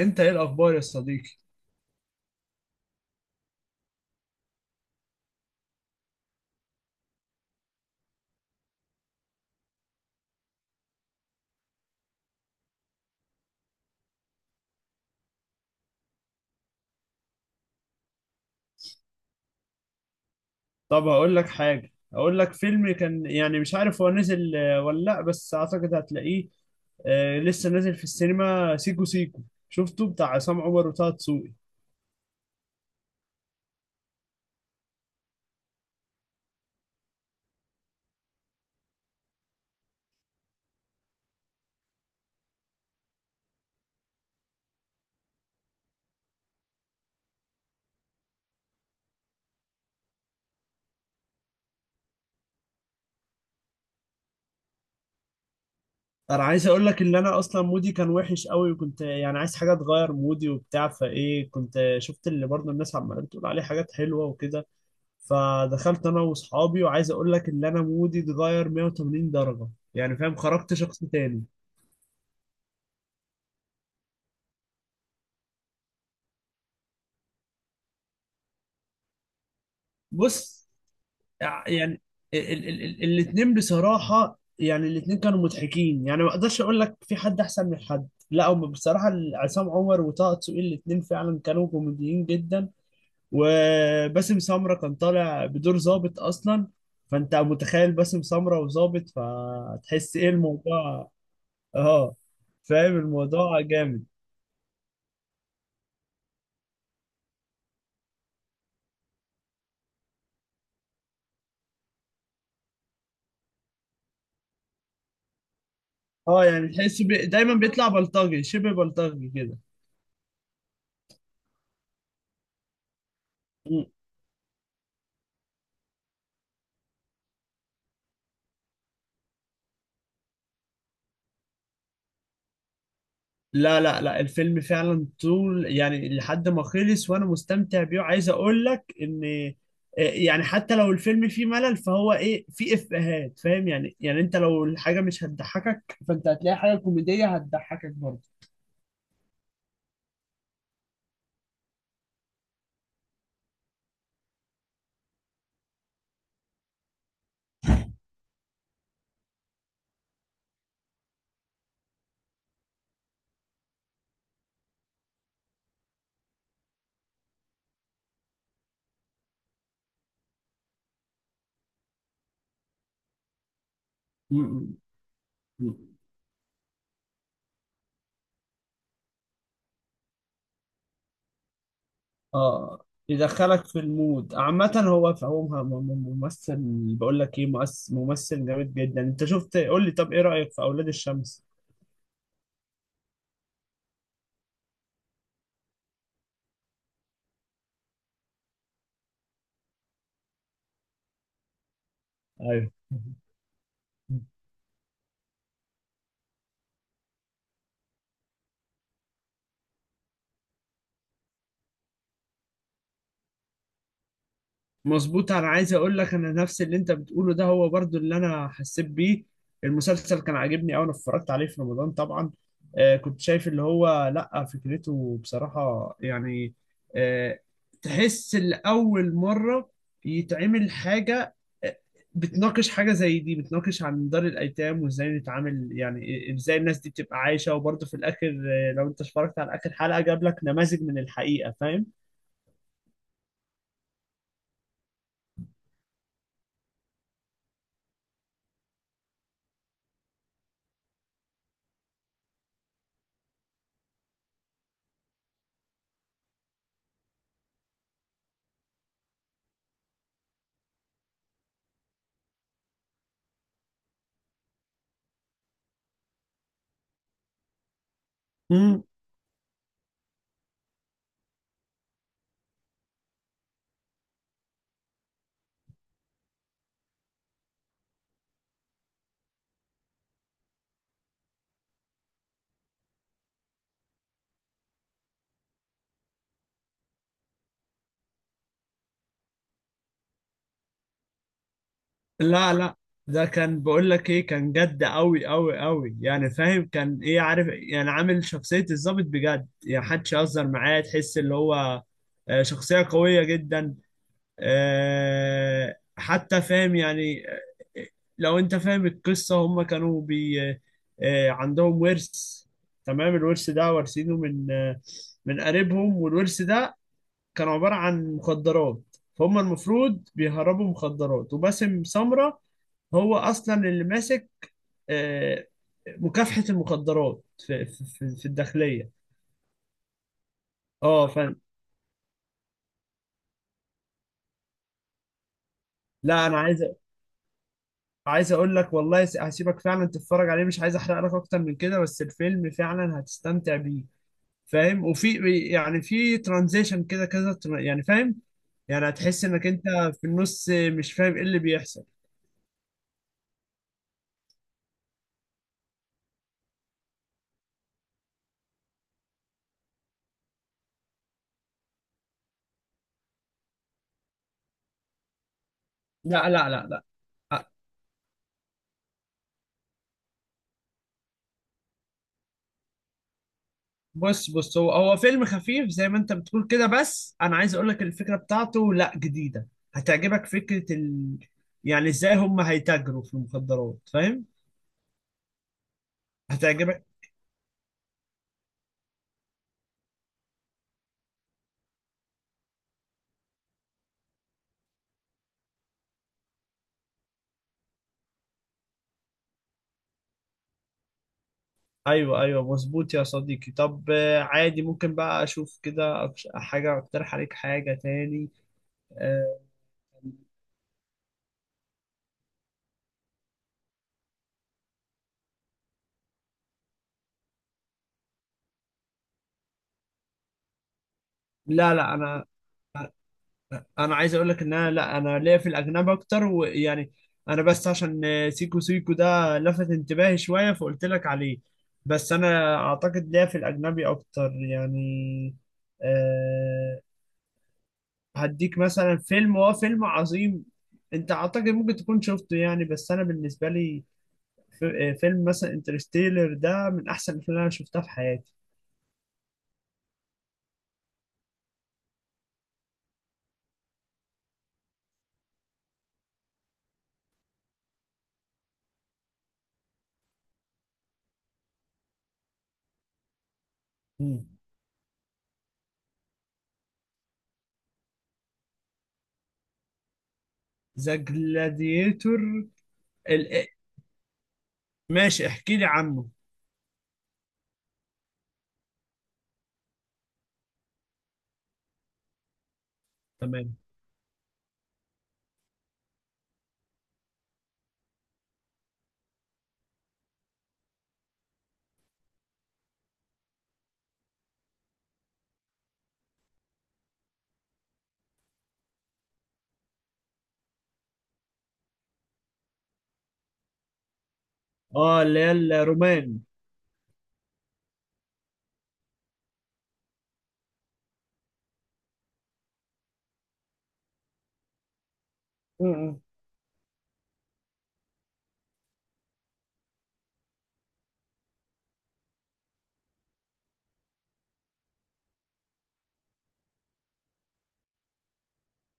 انت ايه الاخبار يا صديقي؟ طب هقول لك حاجه، هقول لك فيلم كان، مش عارف هو نزل ولا لا، بس اعتقد هتلاقيه. لسه نازل في السينما، سيكو سيكو. شفته بتاع عصام عمر وطه دسوقي. انا عايز اقول لك ان انا اصلا مودي كان وحش قوي، وكنت يعني عايز حاجه تغير مودي وبتاع، فايه كنت شفت اللي برضه الناس عماله بتقول عليه حاجات حلوه وكده. فدخلت انا واصحابي، وعايز اقول لك ان انا مودي اتغير 180 درجه. يعني فاهم، خرجت شخص تاني. بص، يعني الاثنين بصراحة، يعني الاثنين كانوا مضحكين، يعني ما اقدرش اقول لك في حد احسن من حد، لا هم بصراحة عصام عمر وطه دسوقي الاثنين فعلا كانوا كوميديين جدا. وباسم سمرة كان طالع بدور ظابط اصلا، فانت متخيل باسم سمرة وظابط، فتحس ايه الموضوع؟ اه، فاهم الموضوع جامد. اه، يعني تحس دايما بيطلع بلطجي، شبه بلطجي كده. لا لا لا، الفيلم فعلا طول يعني لحد ما خلص وانا مستمتع بيه. عايز اقول لك ان يعني حتى لو الفيلم فيه ملل، فهو ايه، فيه افيهات، فاهم يعني؟ يعني انت لو الحاجه مش هتضحكك، فانت هتلاقي حاجه كوميديه هتضحكك برضه. م- م- م. اه، يدخلك في المود عامه. هو فهو ممثل، بقول لك ايه، ممثل جامد جدا. انت شفت، قول لي طب، ايه رايك في اولاد الشمس؟ ايوه مظبوط، انا عايز اقول لك انا نفس اللي انت بتقوله ده هو برضو اللي انا حسيت بيه. المسلسل كان عاجبني أوي، انا اتفرجت عليه في رمضان طبعا. آه، كنت شايف اللي هو، لا فكرته بصراحة يعني آه، تحس لأول مرة يتعمل حاجة آه، بتناقش حاجة زي دي، بتناقش عن دار الأيتام وإزاي نتعامل، يعني إزاي الناس دي بتبقى عايشة، وبرضه في الآخر لو أنت اتفرجت على آخر حلقة جاب لك نماذج من الحقيقة، فاهم؟ لا لا، ده كان، بقول لك ايه، كان جد قوي قوي قوي، يعني فاهم، كان ايه، عارف يعني، عامل شخصية الضابط بجد، يعني محدش يهزر معاه، تحس اللي هو شخصية قوية جدا. حتى فاهم يعني، لو انت فاهم القصة، هم كانوا بي آه، عندهم ورث، تمام؟ الورث ده وارثينه من من قريبهم، والورث ده كان عبارة عن مخدرات. فهم المفروض بيهربوا مخدرات، وباسم سمرة هو اصلا اللي ماسك آه، مكافحة المخدرات في الداخلية. اه، ف لا انا عايز، عايز اقول لك والله، هسيبك فعلا تتفرج عليه، مش عايز احرق لك اكتر من كده، بس الفيلم فعلا هتستمتع بيه، فاهم؟ وفي يعني في ترانزيشن كده، يعني فاهم، يعني هتحس انك انت في النص مش فاهم ايه اللي بيحصل. لا لا لا لا، بص بص، هو هو فيلم خفيف زي ما انت بتقول كده، بس انا عايز اقول لك الفكره بتاعته لا جديده، هتعجبك فكره يعني ازاي هم هيتاجروا في المخدرات، فاهم؟ هتعجبك. ايوه ايوه مظبوط يا صديقي. طب عادي، ممكن بقى اشوف كده، حاجه اقترح عليك حاجه تاني؟ آه، لا لا، انا عايز اقول لك ان انا، لا انا ليا في الاجنبي اكتر، ويعني انا بس عشان سيكو سيكو ده لفت انتباهي شويه فقلت لك عليه، بس انا اعتقد ليا في الاجنبي اكتر يعني. أه، هديك مثلا فيلم، هو فيلم عظيم، انت اعتقد ممكن تكون شفته يعني، بس انا بالنسبه لي، فيلم مثلا انترستيلر ده من احسن الافلام اللي انا شفتها في حياتي. ذا جلاديتور؟ ماشي، احكي لي عنه. تمام. اه، اللي هي الرومان. امم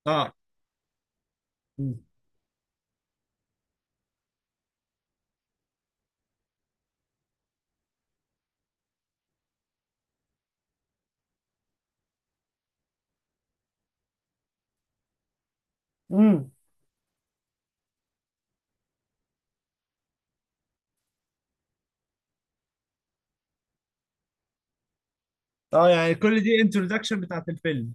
اه. م. امم اه، يعني كل دي انترودكشن بتاعت الفيلم؟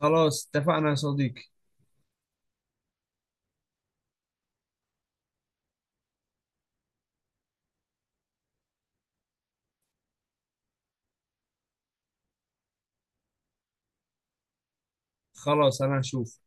خلاص اتفقنا يا صديقي. خلاص، انا هشوف.